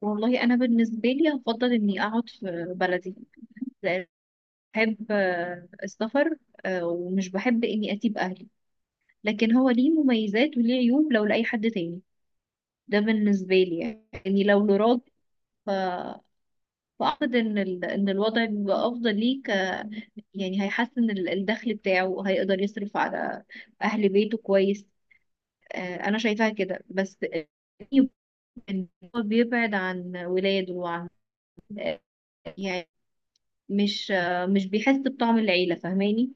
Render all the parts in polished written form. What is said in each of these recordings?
والله انا بالنسبه لي هفضل اني اقعد في بلدي، لأن بحب السفر. ومش بحب اني اسيب اهلي، لكن هو ليه مميزات وليه عيوب لو لاي حد تاني. ده بالنسبه لي يعني لو لراجل. ف... فاعتقد ان ان الوضع بيبقى افضل ليك، يعني هيحسن الدخل بتاعه، هيقدر يصرف على اهل بيته كويس. انا شايفاها كده، بس إن هو بيبعد عن ولاده وعن، يعني مش مش بيحس بطعم العيلة، فاهماني؟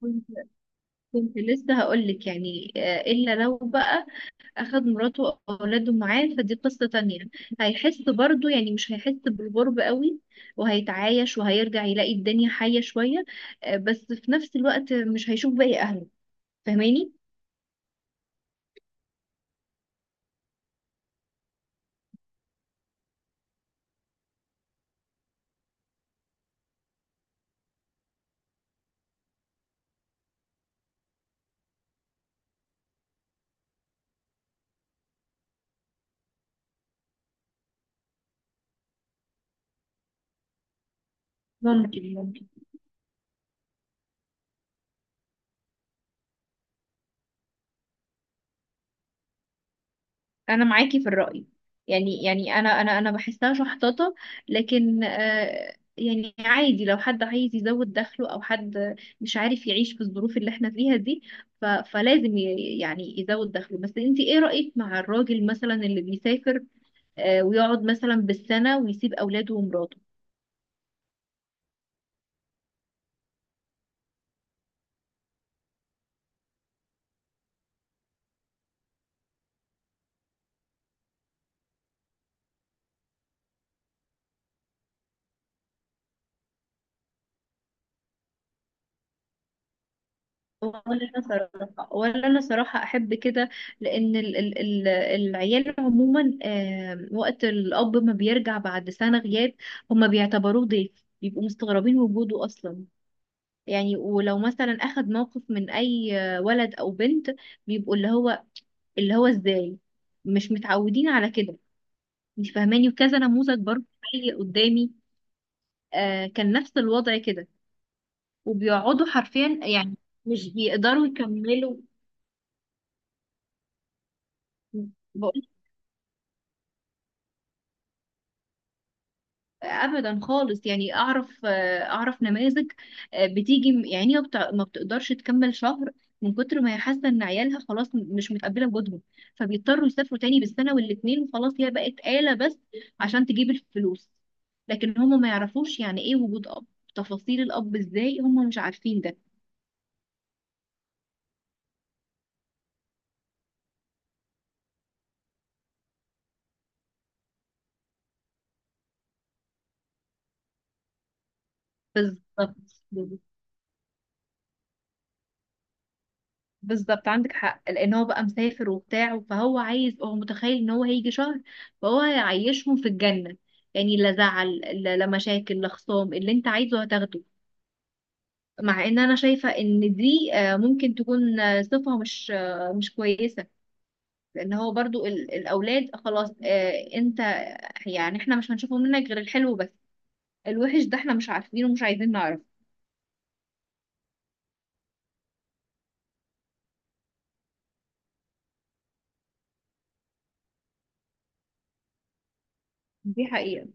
كنت كنت لسه هقولك يعني، إلا لو بقى أخد مراته أو أولاده معاه، فدي قصة تانية. هيحس برضو يعني مش هيحس بالغرب قوي، وهيتعايش وهيرجع يلاقي الدنيا حية شوية. بس في نفس الوقت مش هيشوف باقي أهله، فاهماني؟ ممكن. انا معاكي في الرأي. يعني انا بحسها شحططة. لكن يعني عادي لو حد عايز يزود دخله، او حد مش عارف يعيش في الظروف اللي احنا فيها دي، يعني يزود دخله. بس انتي ايه رأيك مع الراجل مثلا اللي بيسافر ويقعد مثلا بالسنة ويسيب اولاده ومراته؟ ولا، انا صراحه، ولا انا صراحه احب كده. لان ال العيال عموما، وقت الاب ما بيرجع بعد سنه غياب، هما بيعتبروه ضيف، بيبقوا مستغربين وجوده اصلا. يعني ولو مثلا اخد موقف من اي ولد او بنت، بيبقوا اللي هو، اللي هو ازاي؟ مش متعودين على كده. انت فاهماني؟ وكذا نموذج برضه حي قدامي. كان نفس الوضع كده. وبيقعدوا حرفيا يعني مش بيقدروا يكملوا. ابدا خالص. يعني اعرف، اعرف نماذج، بتيجي ما بتقدرش تكمل شهر، من كتر ما هي حاسه ان عيالها خلاص مش متقبله وجودهم. فبيضطروا يسافروا تاني بالسنه والاتنين، وخلاص هي بقت آلة بس عشان تجيب الفلوس. لكن هما ما يعرفوش يعني ايه وجود اب، تفاصيل الاب ازاي، هما مش عارفين ده. بالظبط. بالظبط، عندك حق. لان هو بقى مسافر وبتاع، فهو عايز، هو متخيل ان هو هيجي شهر فهو هيعيشهم في الجنة. يعني لا زعل، لا لا مشاكل، لا خصام، اللي انت عايزه هتاخده. مع ان انا شايفة ان دي، ممكن تكون صفة مش مش كويسة. لان هو برضو الاولاد خلاص، انت يعني احنا مش هنشوفه منك غير الحلو بس. الوحش ده احنا مش عارفينه ومش عايزين نعرفه. دي حقيقة.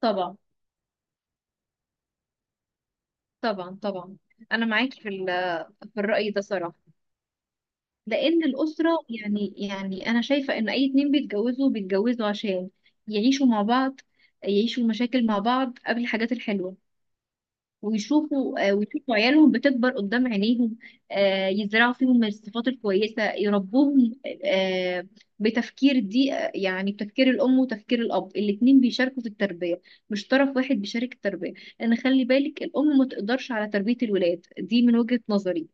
طبعا. طبعا. انا معاكي في في الرأي ده صراحة. لان الاسره، يعني انا شايفه ان اي اتنين بيتجوزوا، بيتجوزوا عشان يعيشوا مع بعض، يعيشوا المشاكل مع بعض قبل الحاجات الحلوه، ويشوفوا، ويشوفوا عيالهم بتكبر قدام عينيهم. يزرعوا فيهم الصفات الكويسه، يربوهم. آه، بتفكير دي، يعني بتفكير الام وتفكير الاب، الاتنين بيشاركوا في التربيه، مش طرف واحد بيشارك التربيه. لان خلي بالك، الام ما تقدرش على تربيه الولاد دي، من وجهه نظري،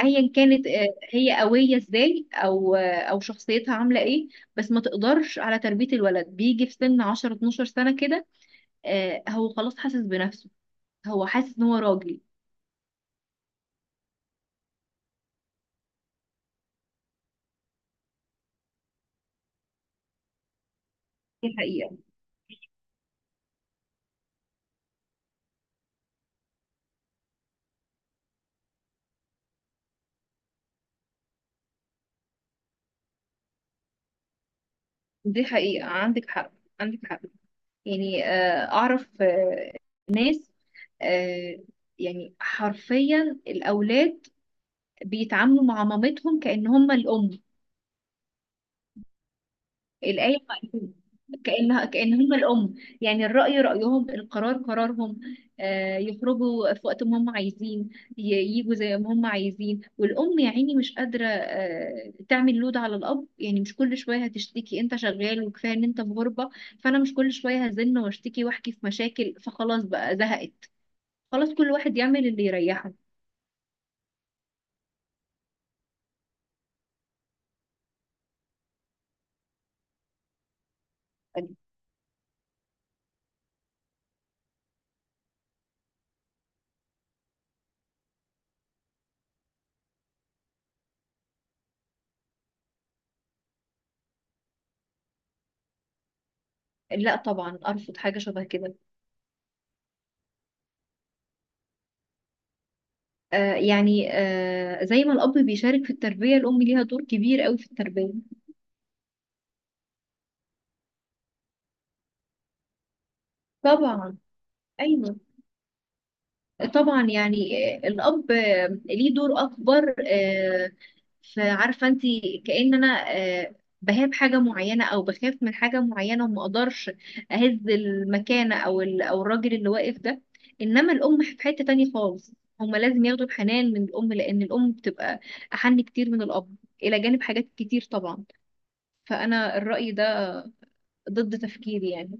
ايا كانت، هي قويه ازاي او او شخصيتها عامله ايه. بس ما تقدرش على تربيه الولد، بيجي في سن 10 12 سنه كده. هو خلاص حاسس بنفسه، هو حاسس ان هو راجل. دي حقيقه. دي حقيقه. عندك حق. عندك حق. يعني اعرف ناس، آه، يعني حرفيا الاولاد بيتعاملوا مع مامتهم كأن هم الام. الآية، كأنها كأنهم الأم. يعني الرأي رأيهم، القرار قرارهم. يخرجوا في وقت ما هم عايزين، يجوا زي ما هم عايزين. والأم يا عيني مش قادرة تعمل لود على الأب، يعني مش كل شوية هتشتكي أنت شغال، وكفاية إن أنت في غربة. فأنا مش كل شوية هزن واشتكي وأحكي في مشاكل، فخلاص بقى زهقت، خلاص كل واحد يعمل اللي يريحه. لا طبعا أرفض حاجة شبه كده. يعني زي ما الأب بيشارك في التربية، الأم ليها دور كبير قوي في التربية. طبعا. أيوه. طبعا يعني، الأب ليه دور أكبر. فعارفة أنت، كأن أنا بهاب حاجة معينة أو بخاف من حاجة معينة، وما أقدرش أهز المكانة أو أو الراجل اللي واقف ده. إنما الأم في حتة تانية خالص. هما لازم ياخدوا الحنان من الأم، لأن الأم بتبقى أحن كتير من الأب، إلى جانب حاجات كتير طبعا. فأنا الرأي ده ضد تفكيري يعني.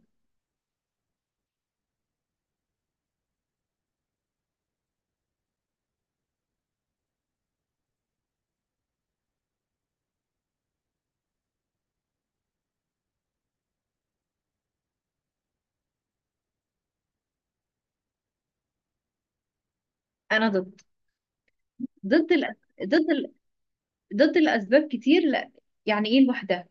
انا ضد. ضد الأ... ضد ال... ضد الاسباب كتير، لا. يعني ايه لوحدها؟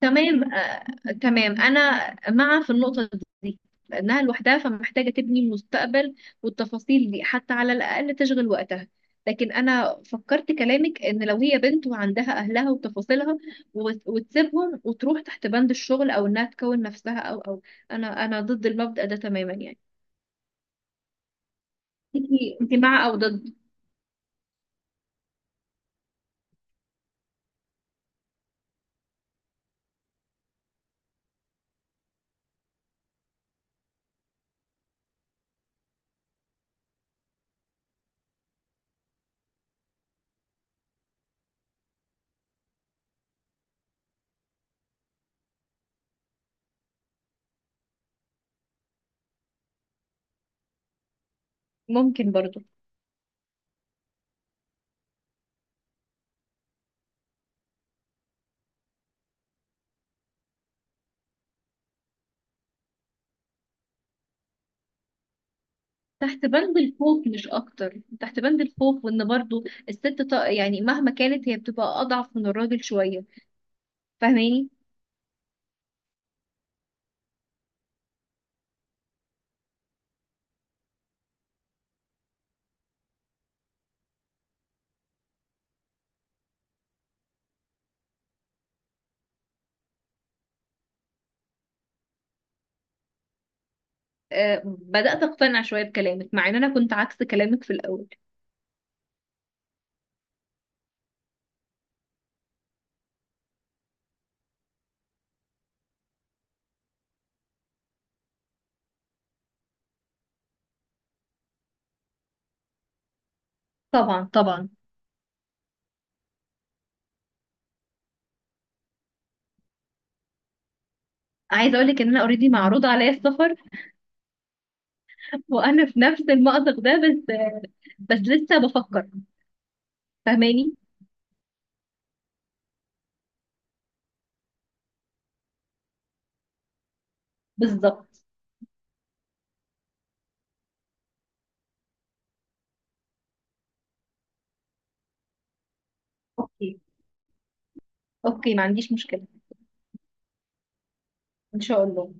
تمام آه... تمام، انا مع في النقطة دي، لانها لوحدها فمحتاجة تبني المستقبل، والتفاصيل دي حتى على الاقل تشغل وقتها. لكن انا فكرت كلامك، ان لو هي بنت وعندها اهلها وتفاصيلها، وتسيبهم وتروح تحت بند الشغل او انها تكون نفسها او او، انا ضد المبدأ ده تماما يعني. انت انت مع او ضد؟ ممكن برضو. تحت بند الخوف مش اكتر، تحت بند الخوف، وان برضو الست يعني مهما كانت هي بتبقى اضعف من الراجل شوية، فاهماني؟ آه، بدأت اقتنع شوية بكلامك، مع ان انا كنت عكس كلامك في الاول. طبعا. طبعا. عايزة اقول لك ان انا اوريدي معروض عليا السفر، وانا في نفس المأزق ده، بس بس لسه بفكر، فاهماني؟ بالظبط. اوكي. اوكي ما عنديش مشكلة. ان شاء الله.